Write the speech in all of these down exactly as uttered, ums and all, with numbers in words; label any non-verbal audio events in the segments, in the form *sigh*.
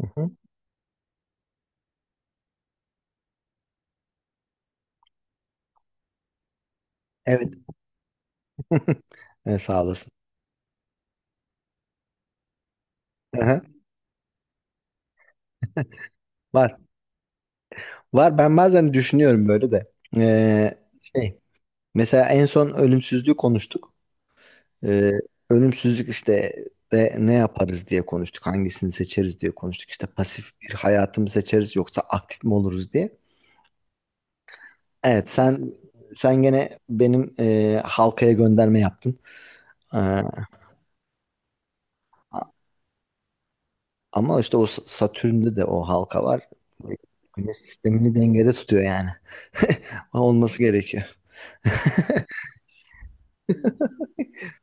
Hı hı. Evet. E, sağ olasın. Aha, var. Var. Ben bazen düşünüyorum böyle de. Ee, şey. Mesela en son ölümsüzlüğü konuştuk. Ee, Ölümsüzlük işte de ne yaparız diye konuştuk. Hangisini seçeriz diye konuştuk. İşte pasif bir hayatı mı seçeriz yoksa aktif mi oluruz diye. Evet, sen sen gene benim e, halkaya gönderme yaptın. Ee, a- ama işte o S- Satürn'de de o halka var. Güneş sistemini dengede tutuyor yani. *laughs* Olması gerekiyor.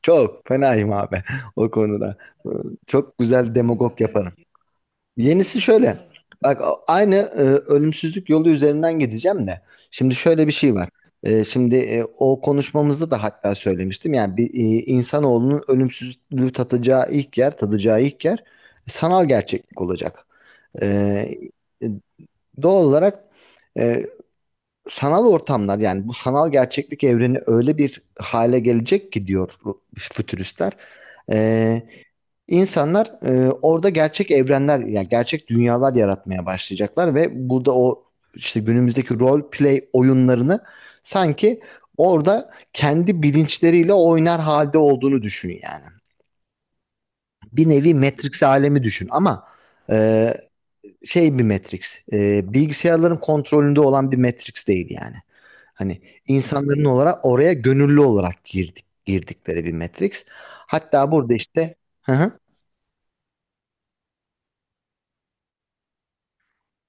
Çok fenayım abi *laughs* o konuda. Ee, Çok güzel demagog yaparım. Yenisi şöyle. Bak aynı e, ölümsüzlük yolu üzerinden gideceğim de. Şimdi şöyle bir şey var. E, şimdi e, o konuşmamızda da hatta söylemiştim. Yani bir e, insanoğlunun ölümsüzlüğü tatacağı ilk yer, tadacağı ilk yer e, sanal gerçeklik olacak. E, e, Doğal olarak e, sanal ortamlar, yani bu sanal gerçeklik evreni öyle bir hale gelecek ki diyor bu fütüristler. Ee, insanlar e, orada gerçek evrenler, yani gerçek dünyalar yaratmaya başlayacaklar ve burada o işte günümüzdeki role play oyunlarını sanki orada kendi bilinçleriyle oynar halde olduğunu düşün yani. Bir nevi Matrix alemi düşün, ama e, şey bir Matrix. E, bilgisayarların kontrolünde olan bir Matrix değil yani. Hani insanların olarak oraya gönüllü olarak girdik girdikleri bir Matrix. Hatta burada işte. Hı hı.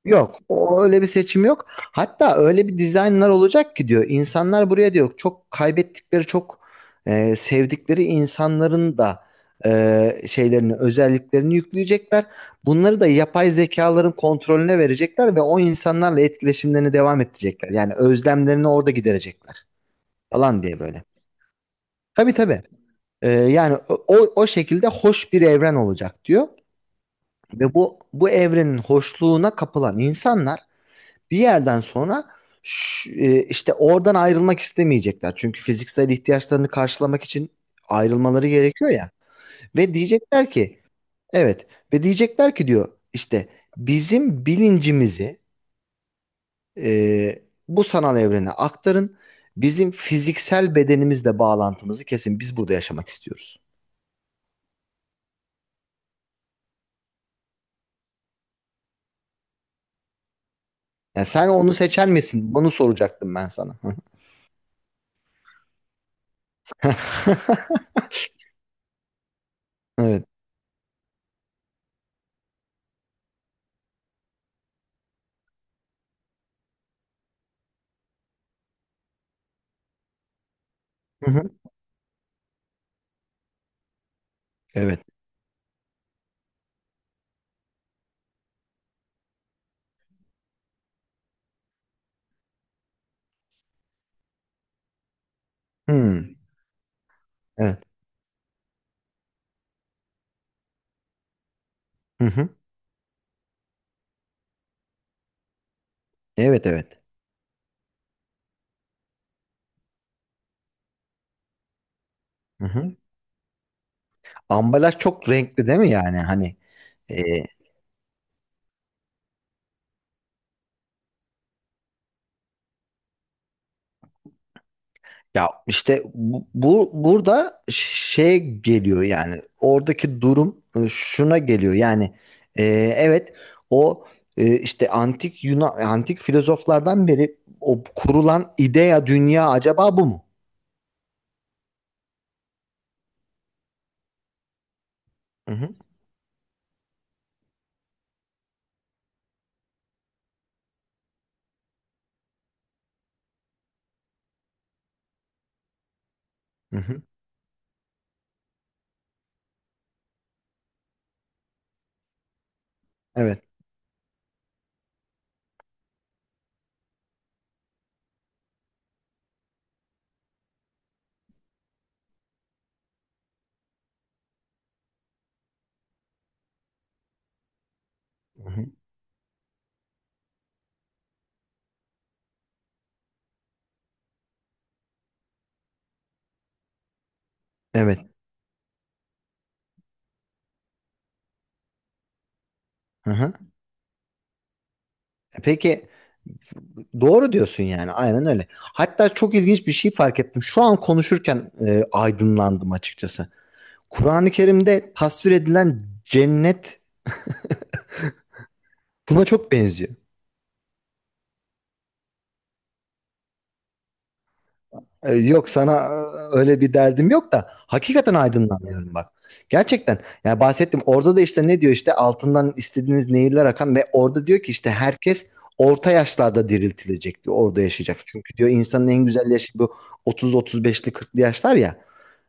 Yok, o öyle bir seçim yok. Hatta öyle bir dizaynlar olacak ki diyor. İnsanlar buraya diyor çok kaybettikleri, çok e, sevdikleri insanların da e, şeylerini, özelliklerini yükleyecekler. Bunları da yapay zekaların kontrolüne verecekler ve o insanlarla etkileşimlerini devam ettirecekler. Yani özlemlerini orada giderecekler falan diye böyle. Tabii, tabii. E, yani o, o şekilde hoş bir evren olacak diyor. Ve bu bu evrenin hoşluğuna kapılan insanlar bir yerden sonra ş- e, işte oradan ayrılmak istemeyecekler. Çünkü fiziksel ihtiyaçlarını karşılamak için ayrılmaları gerekiyor ya. Ve diyecekler ki, evet, ve diyecekler ki diyor işte, bizim bilincimizi e, bu sanal evrene aktarın. Bizim fiziksel bedenimizle bağlantımızı kesin. Biz burada yaşamak istiyoruz. Yani sen onu seçer misin? Bunu soracaktım ben sana. *laughs* Evet. Hı hı. Evet. Hmm. Evet. Hı hı. Evet, evet. Hı hı. Ambalaj çok renkli değil mi yani? Hani e, ya işte bu, bu- burada şey geliyor yani, oradaki durum e, şuna geliyor yani, e, evet, o e, işte antik Yunan antik filozoflardan beri o kurulan idea dünya acaba bu mu? Hı hı, hı hı, evet. Hı hı, evet. Hı hı. E, Peki, doğru diyorsun yani, aynen öyle. Hatta çok ilginç bir şey fark ettim. Şu an konuşurken e, aydınlandım açıkçası. Kur'an-ı Kerim'de tasvir edilen cennet buna çok benziyor. Ee, Yok, sana e, öyle bir derdim yok da hakikaten aydınlanıyorum bak. Gerçekten, yani bahsettim orada da, işte ne diyor işte, altından istediğiniz nehirler akan, ve orada diyor ki işte herkes orta yaşlarda diriltilecek diyor, orada yaşayacak. Çünkü diyor, insanın en güzel yaşı bu otuz otuz beşli kırklı yaşlar ya.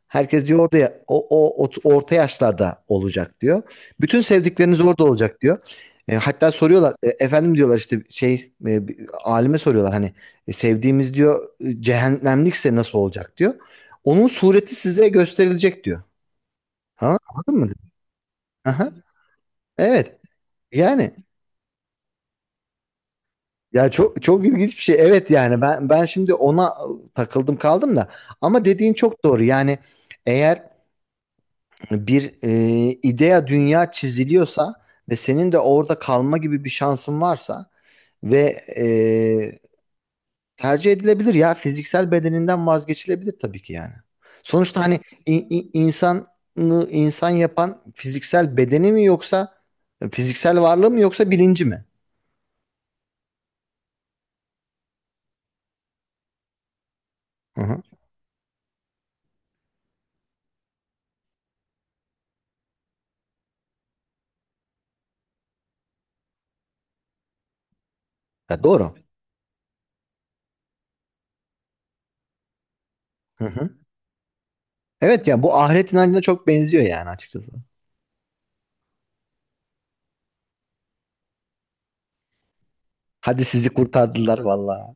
Herkes diyor orada ya- o, o, ot- orta yaşlarda olacak diyor. Bütün sevdikleriniz orada olacak diyor. E, hatta soruyorlar, e, efendim diyorlar işte, şey e, alime soruyorlar hani, e, sevdiğimiz diyor e, cehennemlikse nasıl olacak diyor. Onun sureti size gösterilecek diyor. Ha, anladın mı? Aha, evet. Yani ya, çok çok ilginç bir şey. Evet yani ben ben şimdi ona takıldım kaldım da, ama dediğin çok doğru. Yani eğer bir e, idea dünya çiziliyorsa ve senin de orada kalma gibi bir şansın varsa ve e, tercih edilebilir ya, fiziksel bedeninden vazgeçilebilir tabii ki yani. Sonuçta hani in- in- insanı insan yapan fiziksel bedeni mi yoksa fiziksel varlığı mı yoksa bilinci mi? Hı hı. Ya doğru. Hı hı. Evet ya, bu ahiret inancına çok benziyor yani açıkçası. Hadi sizi kurtardılar vallahi.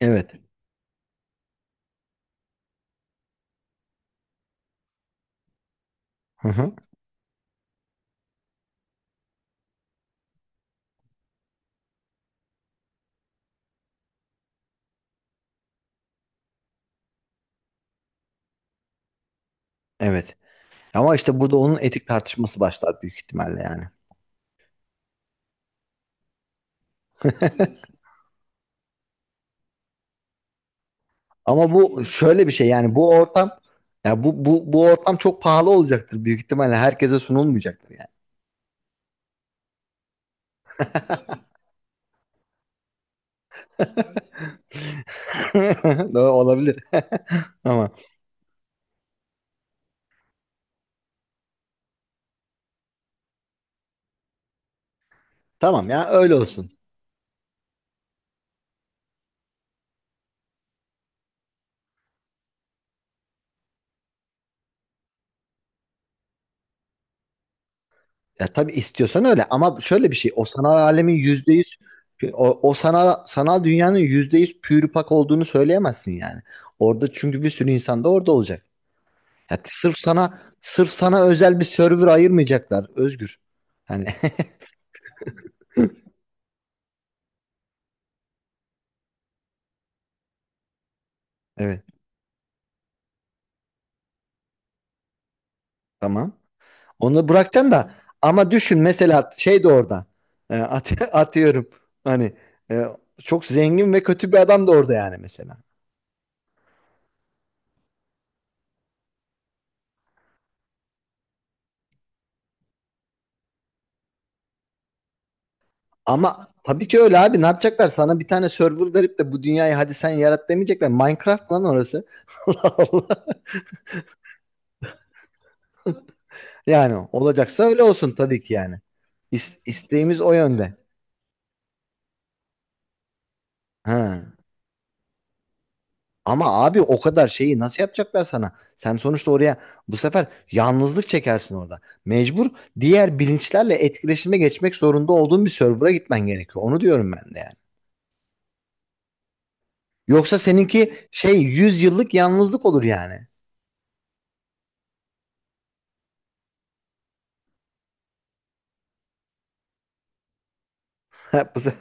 Evet. Hı hı. Evet. Ama işte burada onun etik tartışması başlar büyük ihtimalle yani. Ama bu şöyle bir şey, yani bu ortam, ya bu bu bu ortam çok pahalı olacaktır büyük ihtimalle, herkese sunulmayacaktır yani. *laughs* Doğru olabilir *laughs* ama, tamam ya, öyle olsun. Ya tabii istiyorsan öyle, ama şöyle bir şey, o sanal alemin yüzde yüz o, o sanal, sanal dünyanın yüzde yüz pürüpak olduğunu söyleyemezsin yani. Orada çünkü bir sürü insan da orada olacak. Ya sırf sana sırf sana özel bir server ayırmayacaklar, Özgür. Hani *laughs* evet, tamam. Onu bırakacaksın da, ama düşün mesela şey de orada. E, at- *laughs* atıyorum hani, e, çok zengin ve kötü bir adam da orada yani mesela. Ama tabii ki öyle abi, ne yapacaklar? Sana bir tane server verip de, bu dünyayı hadi sen yarat demeyecekler. Minecraft lan orası. *laughs* Allah Allah. Yani olacaksa öyle olsun tabii ki yani. İs- isteğimiz o yönde. Ha. Ama abi o kadar şeyi nasıl yapacaklar sana? Sen sonuçta oraya bu sefer yalnızlık çekersin orada. Mecbur diğer bilinçlerle etkileşime geçmek zorunda olduğun bir server'a gitmen gerekiyor. Onu diyorum ben de yani. Yoksa seninki şey, yüz yıllık yalnızlık olur yani. *laughs* Bu se-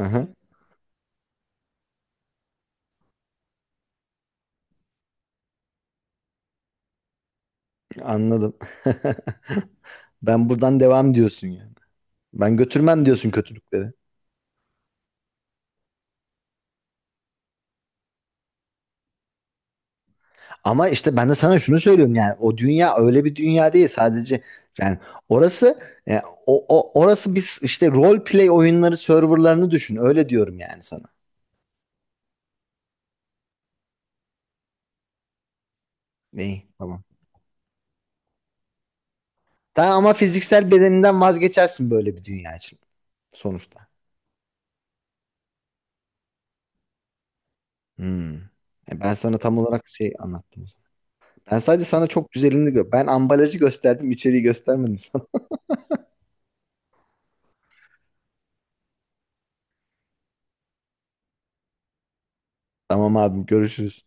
Aha, anladım. *laughs* Ben buradan devam diyorsun yani. Ben götürmem diyorsun kötülükleri. Ama işte ben de sana şunu söylüyorum yani, o dünya öyle bir dünya değil sadece, yani orası, e, o, o orası biz, işte role play oyunları serverlarını düşün, öyle diyorum yani sana. İyi, tamam. Daha ama fiziksel bedeninden vazgeçersin böyle bir dünya için sonuçta. Hmm. E, Ben sana tam olarak şey anlattım o zaman. Ben sadece sana çok güzelini gö ben ambalajı gösterdim, içeriği göstermedim sana. *laughs* Tamam abim, görüşürüz.